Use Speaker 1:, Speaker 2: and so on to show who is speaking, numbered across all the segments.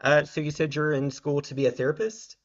Speaker 1: So you said you're in school to be a therapist?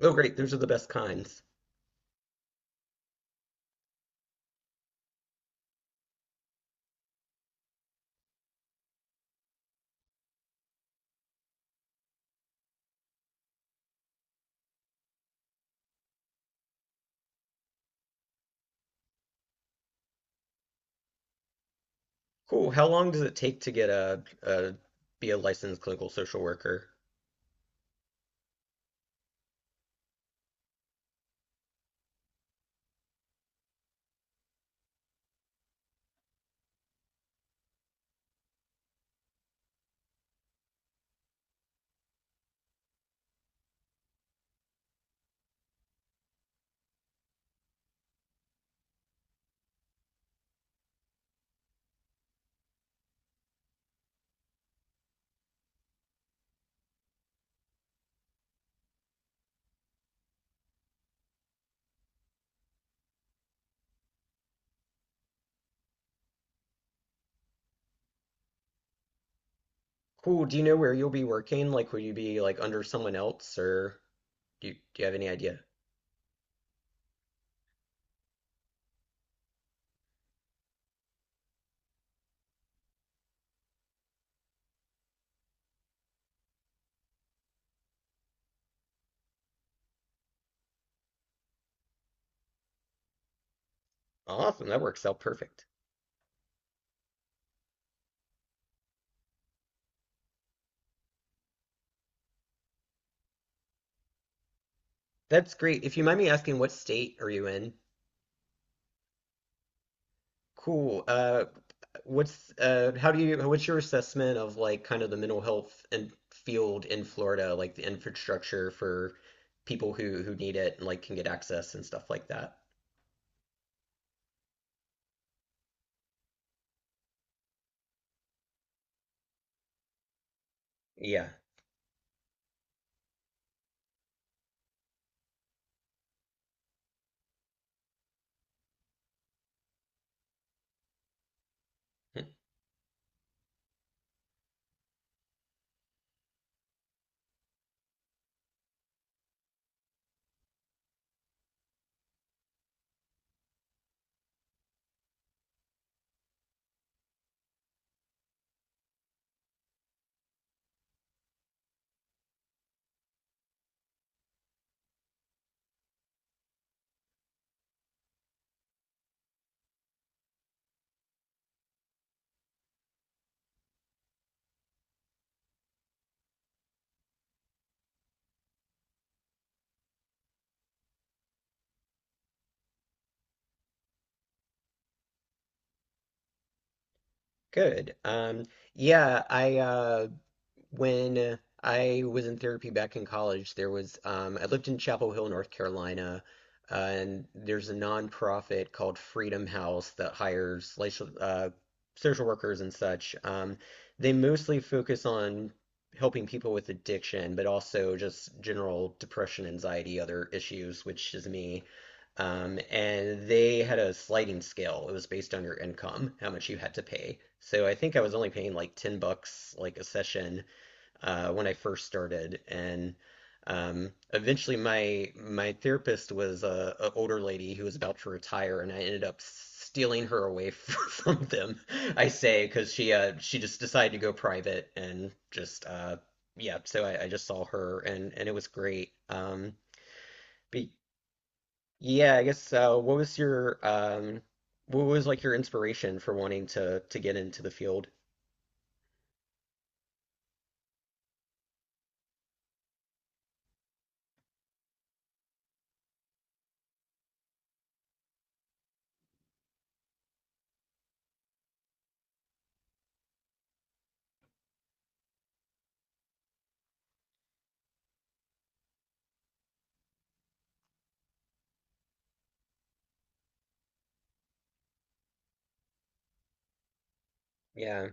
Speaker 1: Oh, great. Those are the best kinds. Cool. How long does it take to get a be a licensed clinical social worker? Cool. Do you know where you'll be working? Like, will you be like under someone else, or do you have any idea? Awesome. That works out perfect. That's great. If you mind me asking, what state are you in? Cool. What's how do you what's your assessment of like kind of the mental health and field in Florida, like the infrastructure for people who need it and like can get access and stuff like that? Yeah. Hmm. Good. Yeah, I when I was in therapy back in college, there was I lived in Chapel Hill, North Carolina, and there's a nonprofit called Freedom House that hires social, social workers and such. They mostly focus on helping people with addiction, but also just general depression, anxiety, other issues, which is me. And they had a sliding scale. It was based on your income, how much you had to pay. So I think I was only paying like $10 like a session when I first started. And eventually, my therapist was a older lady who was about to retire, and I ended up stealing her away from them. I say because she just decided to go private and just yeah. So I just saw her, and it was great. But yeah, what was like your inspiration for wanting to get into the field? Yeah.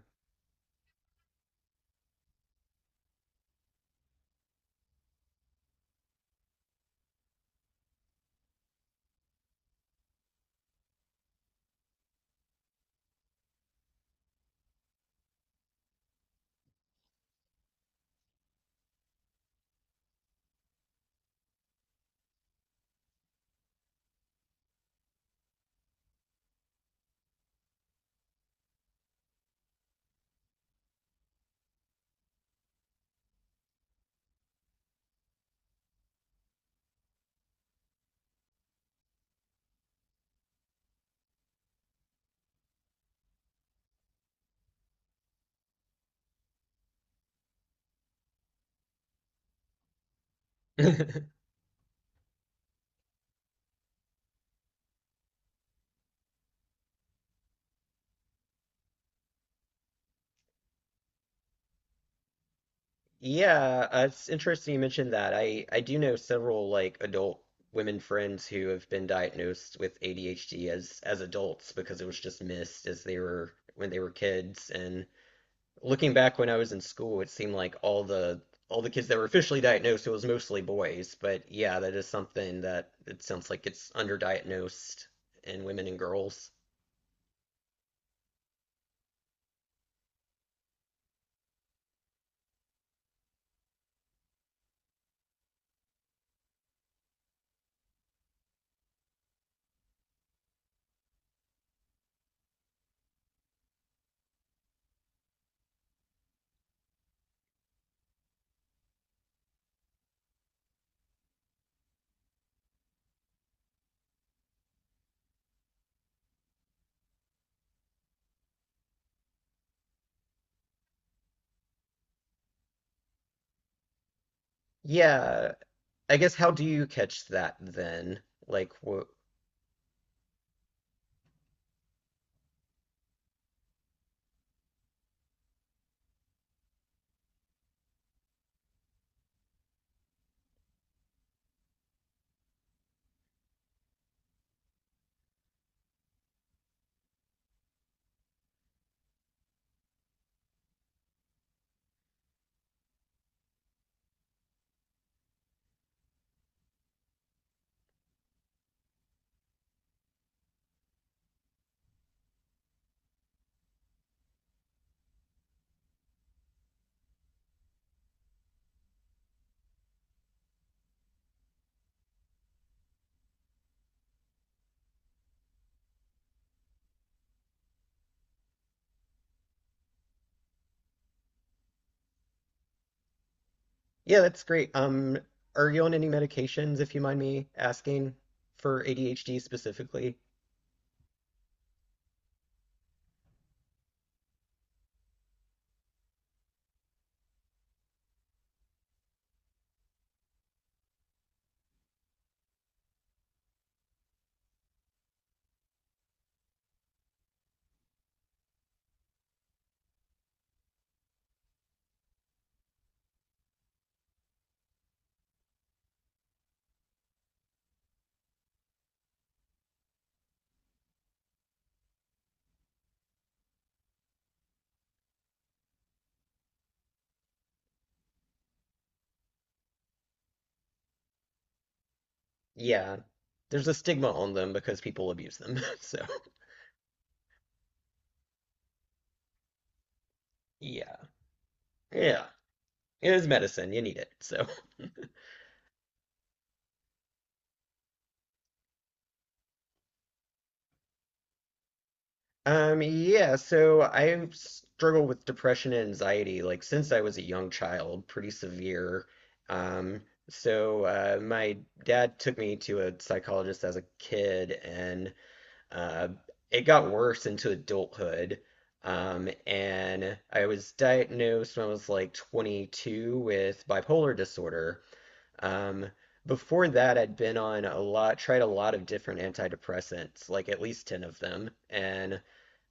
Speaker 1: Yeah, it's interesting you mentioned that. I do know several like adult women friends who have been diagnosed with ADHD as adults because it was just missed as they were when they were kids. And looking back when I was in school, it seemed like all the kids that were officially diagnosed, it was mostly boys. But yeah, that is something that it sounds like it's underdiagnosed in women and girls. Yeah, I guess how do you catch that then? Like, wh Yeah, that's great. Are you on any medications, if you mind me asking, for ADHD specifically? Yeah. There's a stigma on them because people abuse them. So, yeah. Yeah. It is medicine. You need it. So, yeah, so I struggle with depression and anxiety like since I was a young child, pretty severe. Um, so my dad took me to a psychologist as a kid, and Uh, it got worse into adulthood. And I was diagnosed when I was like 22 with bipolar disorder. Um, before that, I'd been on a lot, tried a lot of different antidepressants, like at least 10 of them, and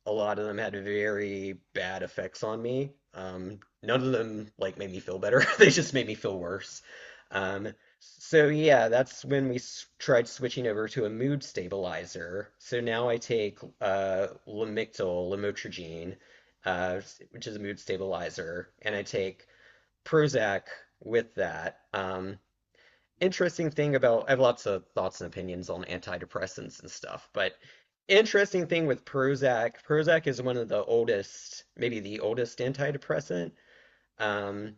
Speaker 1: a lot of them had very bad effects on me. None of them like made me feel better. They just made me feel worse. Um, so yeah, that's when we s tried switching over to a mood stabilizer. So now I take Lamictal, lamotrigine, uh, which is a mood stabilizer, and I take Prozac with that. Interesting thing about I have lots of thoughts and opinions on antidepressants and stuff, but interesting thing with Prozac, Prozac is one of the oldest, maybe the oldest antidepressant. Um,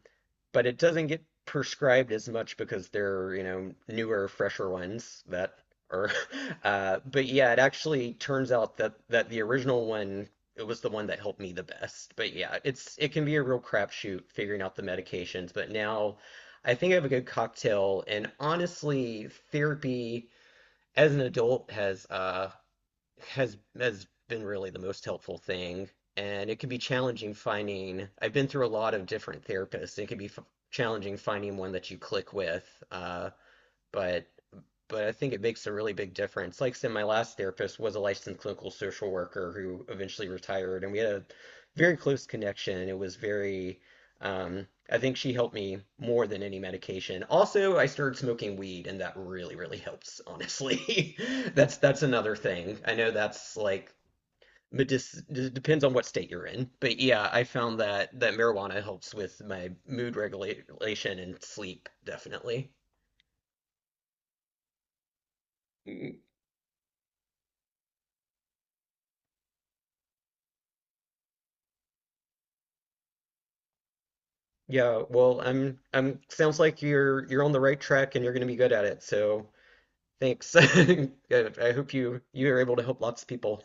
Speaker 1: but it doesn't get prescribed as much because they're, you know, newer, fresher ones that are. But yeah, it actually turns out that that the original one it was the one that helped me the best. But yeah, it's it can be a real crapshoot figuring out the medications. But now I think I have a good cocktail, and honestly, therapy as an adult has been really the most helpful thing. And it can be challenging finding. I've been through a lot of different therapists. It can be f challenging finding one that you click with. Uh, but but I think it makes a really big difference. Like I said, my last therapist was a licensed clinical social worker who eventually retired, and we had a very close connection. And It was very, I think she helped me more than any medication. Also, I started smoking weed, and that really, really helps, honestly. That's another thing. I know that's like medic- it depends on what state you're in, but yeah, I found that that marijuana helps with my mood regulation and sleep, definitely. Yeah, well, I'm sounds like you're on the right track and you're going to be good at it. So, thanks. Good. I hope you are able to help lots of people.